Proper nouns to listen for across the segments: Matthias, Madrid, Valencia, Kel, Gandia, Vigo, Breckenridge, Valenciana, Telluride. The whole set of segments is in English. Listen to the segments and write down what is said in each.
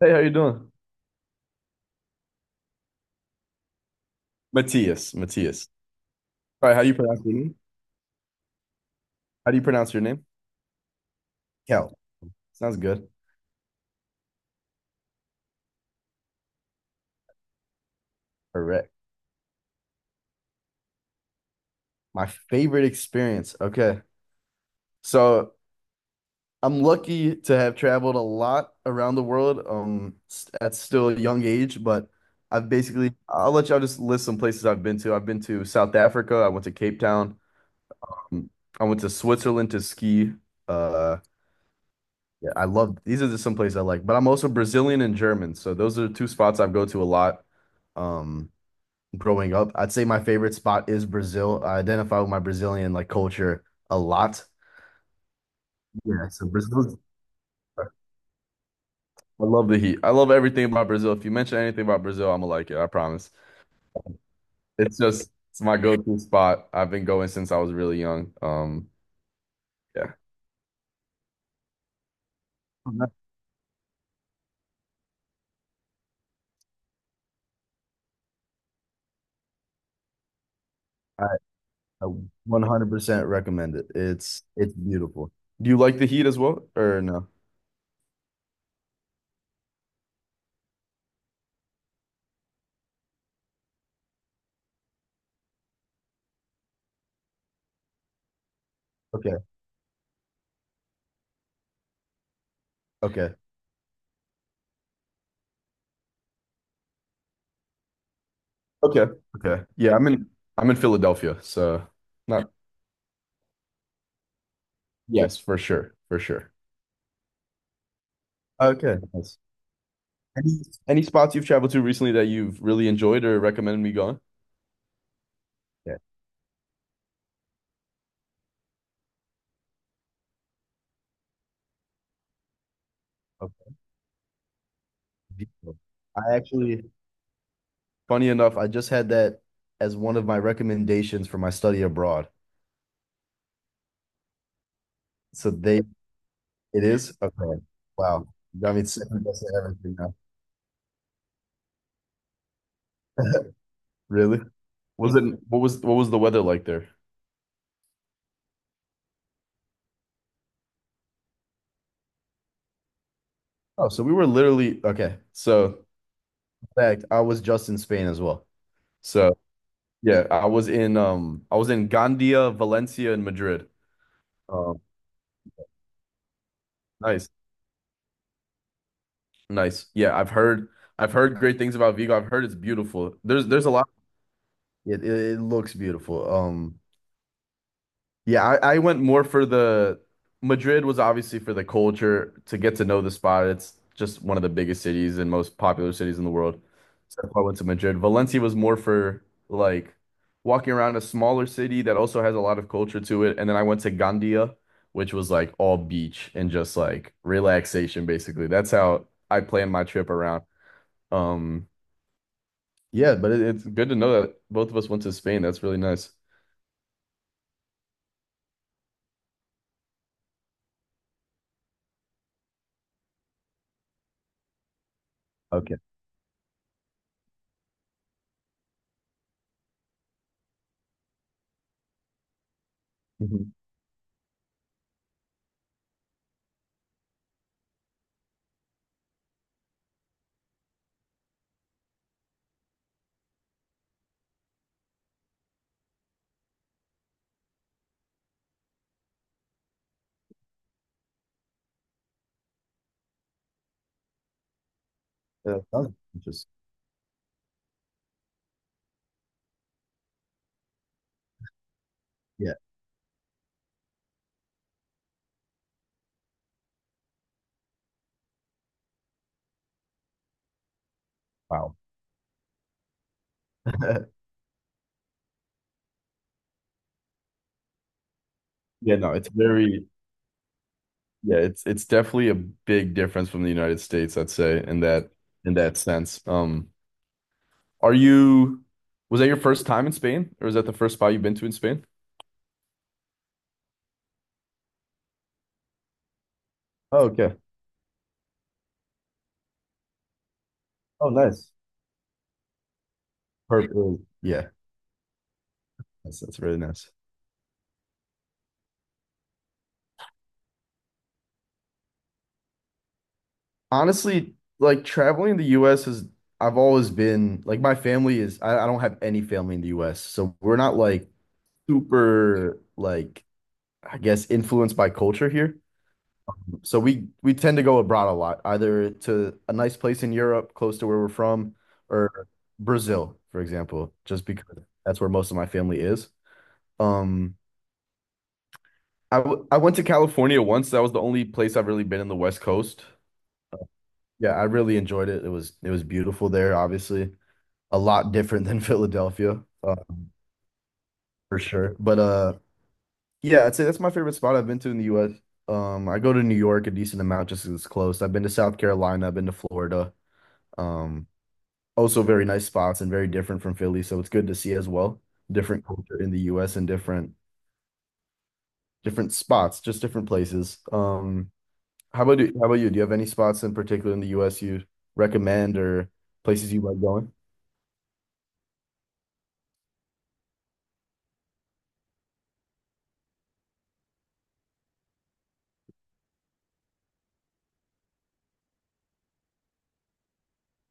Hey, how you doing? Matthias, Matthias. All right, how do you pronounce your name? How do you pronounce your name? Kel. Sounds good. Correct. My favorite experience. Okay. So I'm lucky to have traveled a lot around the world at still a young age, but I'll let y'all just list some places I've been to. I've been to South Africa, I went to Cape Town, um, I went to Switzerland to ski. Uh yeah, I love these are just some places I like, but I'm also Brazilian and German, so those are two spots I go to a lot. Um growing up. I'd say my favorite spot is Brazil. I identify with my Brazilian like culture a lot. Yeah, so Brazil. I love the heat. I love everything about Brazil. If you mention anything about Brazil, I'm gonna like it. I promise. It's just it's my go-to spot. I've been going since I was really young. Yeah. I, I 100% recommend it. It's beautiful. Do you like the heat as well, or no? Okay, okay, okay, okay. Yeah, I'm in Philadelphia, so not yes, for sure, for sure. Okay. Nice. Any any spots you've traveled to recently that you've really enjoyed or recommended me going? Yeah. Okay. Beautiful. I actually, funny enough, I just had that as one of my recommendations for my study abroad. So they, it is? Okay. Wow. You got me second guessing everything now. Really? Was it what was the weather like there? Oh, so we were literally, okay. So, in fact, I was just in Spain as well. So yeah, I was in Gandia, Valencia, and Madrid. Um, Nice. Nice. Yeah, I've heard great things about Vigo. I've heard it's beautiful. There's a lot. It looks beautiful. Yeah, I went more for the Madrid was obviously for the culture to get to know the spot. It's just one of the biggest cities and most popular cities in the world. So that's why I went to Madrid. Valencia was more for like walking around a smaller city that also has a lot of culture to it. And then I went to Gandia, which was like all beach and just like relaxation, basically. That's how I planned my trip around. Um, Yeah, but it's good to know that both of us went to Spain. That's really nice. Okay. Mhm. Yeah, that sounds interesting. Yeah. Wow. Yeah, no, it's very yeah, it's definitely a big difference from the United States, I'd say, in that sense. Are you was that your first time in Spain, or was that the first spot you've been to in Spain? Oh, okay. Oh, nice. Perfect. Yeah, that's really nice. Honestly, like traveling in the US is I've always been like my family is I don't have any family in the US, so we're not like super like I guess influenced by culture here. So we tend to go abroad a lot, either to a nice place in Europe close to where we're from, or Brazil, for example, just because that's where most of my family is. Um, I went to California once. That was the only place I've really been in the West Coast. Yeah, I really enjoyed it. It was beautiful there, obviously. A lot different than Philadelphia, for sure. But Yeah, I'd say that's my favorite spot I've been to in the US. I go to New York a decent amount just 'cause it's close. I've been to South Carolina, I've been to Florida. Um, also very nice spots and very different from Philly, so it's good to see as well. Different culture in the US and different spots, just different places. How about you, how about you? Do you have any spots in particular in the US you recommend or places you like going?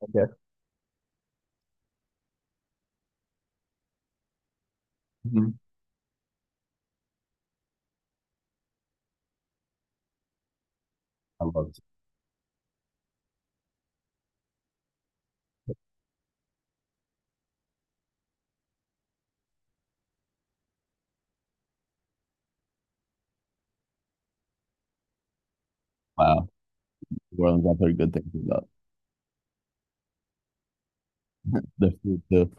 Okay. Mhm. I love it. Wow. New Orleans, I've heard good things about the food too.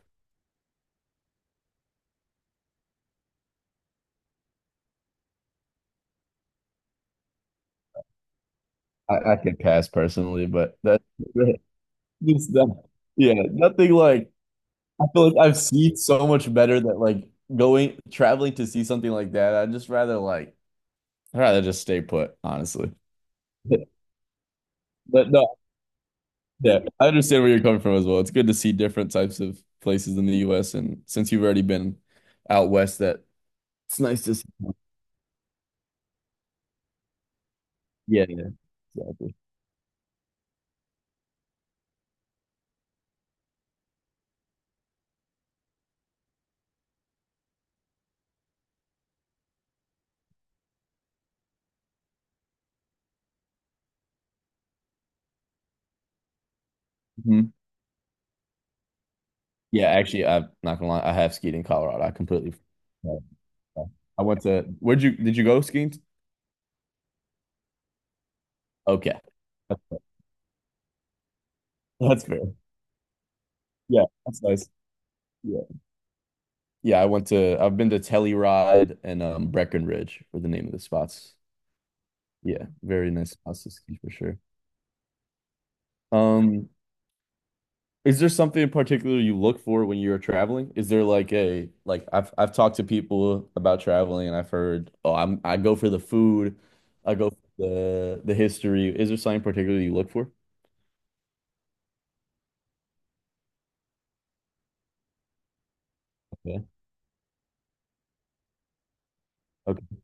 I could pass personally, but that's Just that, yeah, nothing like I feel like I've seen so much better that like going traveling to see something like that. I'd rather just stay put, honestly. Yeah, But no, yeah, I understand where you're coming from as well. It's good to see different types of places in the US and since you've already been out west that it's nice to see. Yeah, yeah, exactly. Hmm. Yeah, actually I'm not gonna lie, I have skied in Colorado. I went to where'd you did you go skiing? Okay. That's fair. That's fair. Yeah, that's nice. Yeah. I've been to Telluride and Breckenridge were the name of the spots. Yeah, very nice spots to ski for sure. Um, is there something in particular you look for when you're traveling? Is there like a like I've talked to people about traveling and I've heard, oh, I go for the food, I go for the history. Is there something in particular you look for? Okay. Okay.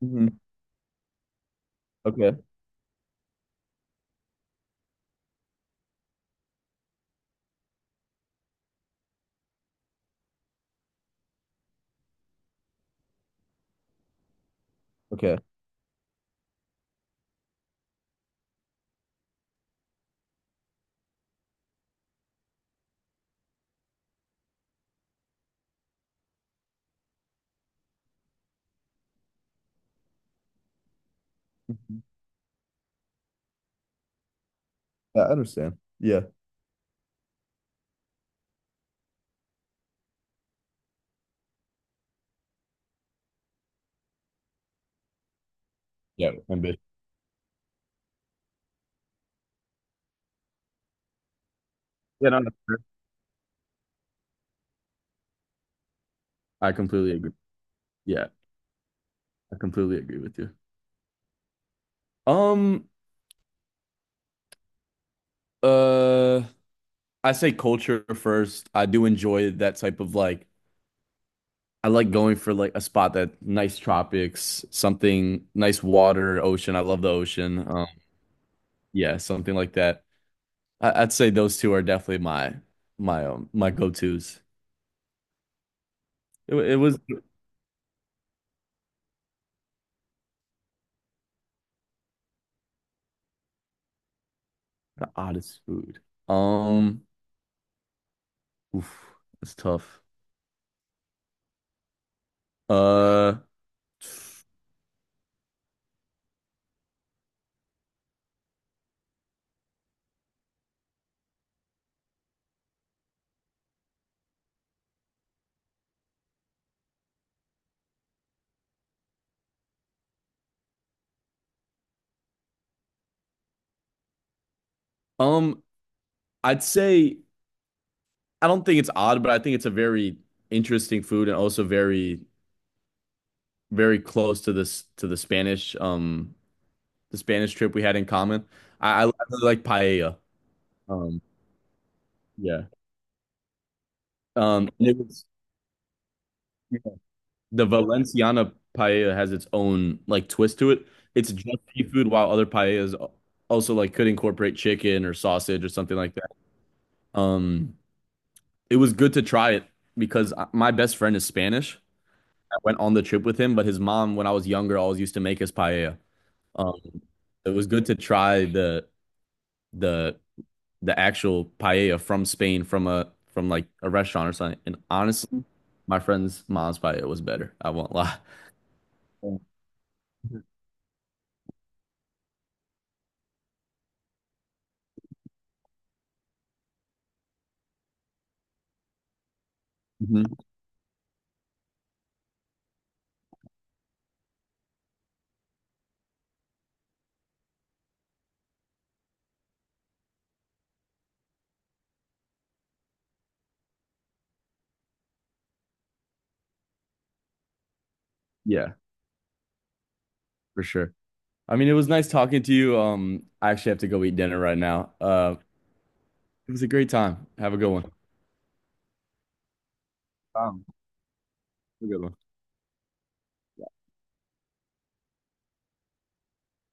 Hmm. Okay. Okay. I understand. Yeah. Yeah. Ambitious. Yeah, no, that's fair. I completely agree. Yeah. I completely agree with you. Um, uh, I say culture first. I do enjoy that type of like I like going for like a spot that nice tropics, something nice water, ocean. I love the ocean. Yeah, something like that. I'd say those two are definitely my my go-tos. It was the oddest food. Um, oof, that's tough. Uh, um, I'd say. I don't think it's odd, but I think it's a very interesting food and also very, very close to this to the Spanish trip we had in common. I really like paella. Um, yeah. And it was yeah, the Valenciana paella has its own like twist to it. It's just seafood, while other paellas also like could incorporate chicken or sausage or something like that. Um, it was good to try it because I- my best friend is Spanish. I went on the trip with him, but his mom, when I was younger, always used to make us paella. Um, it was good to try the the actual paella from Spain from a from like a restaurant or something. And honestly, my friend's mom's paella was better. I won't lie. Hmm. Yeah, for sure. I mean, it was nice talking to you. I actually have to go eat dinner right now. It was a great time. Have a good one. Um, have a good one.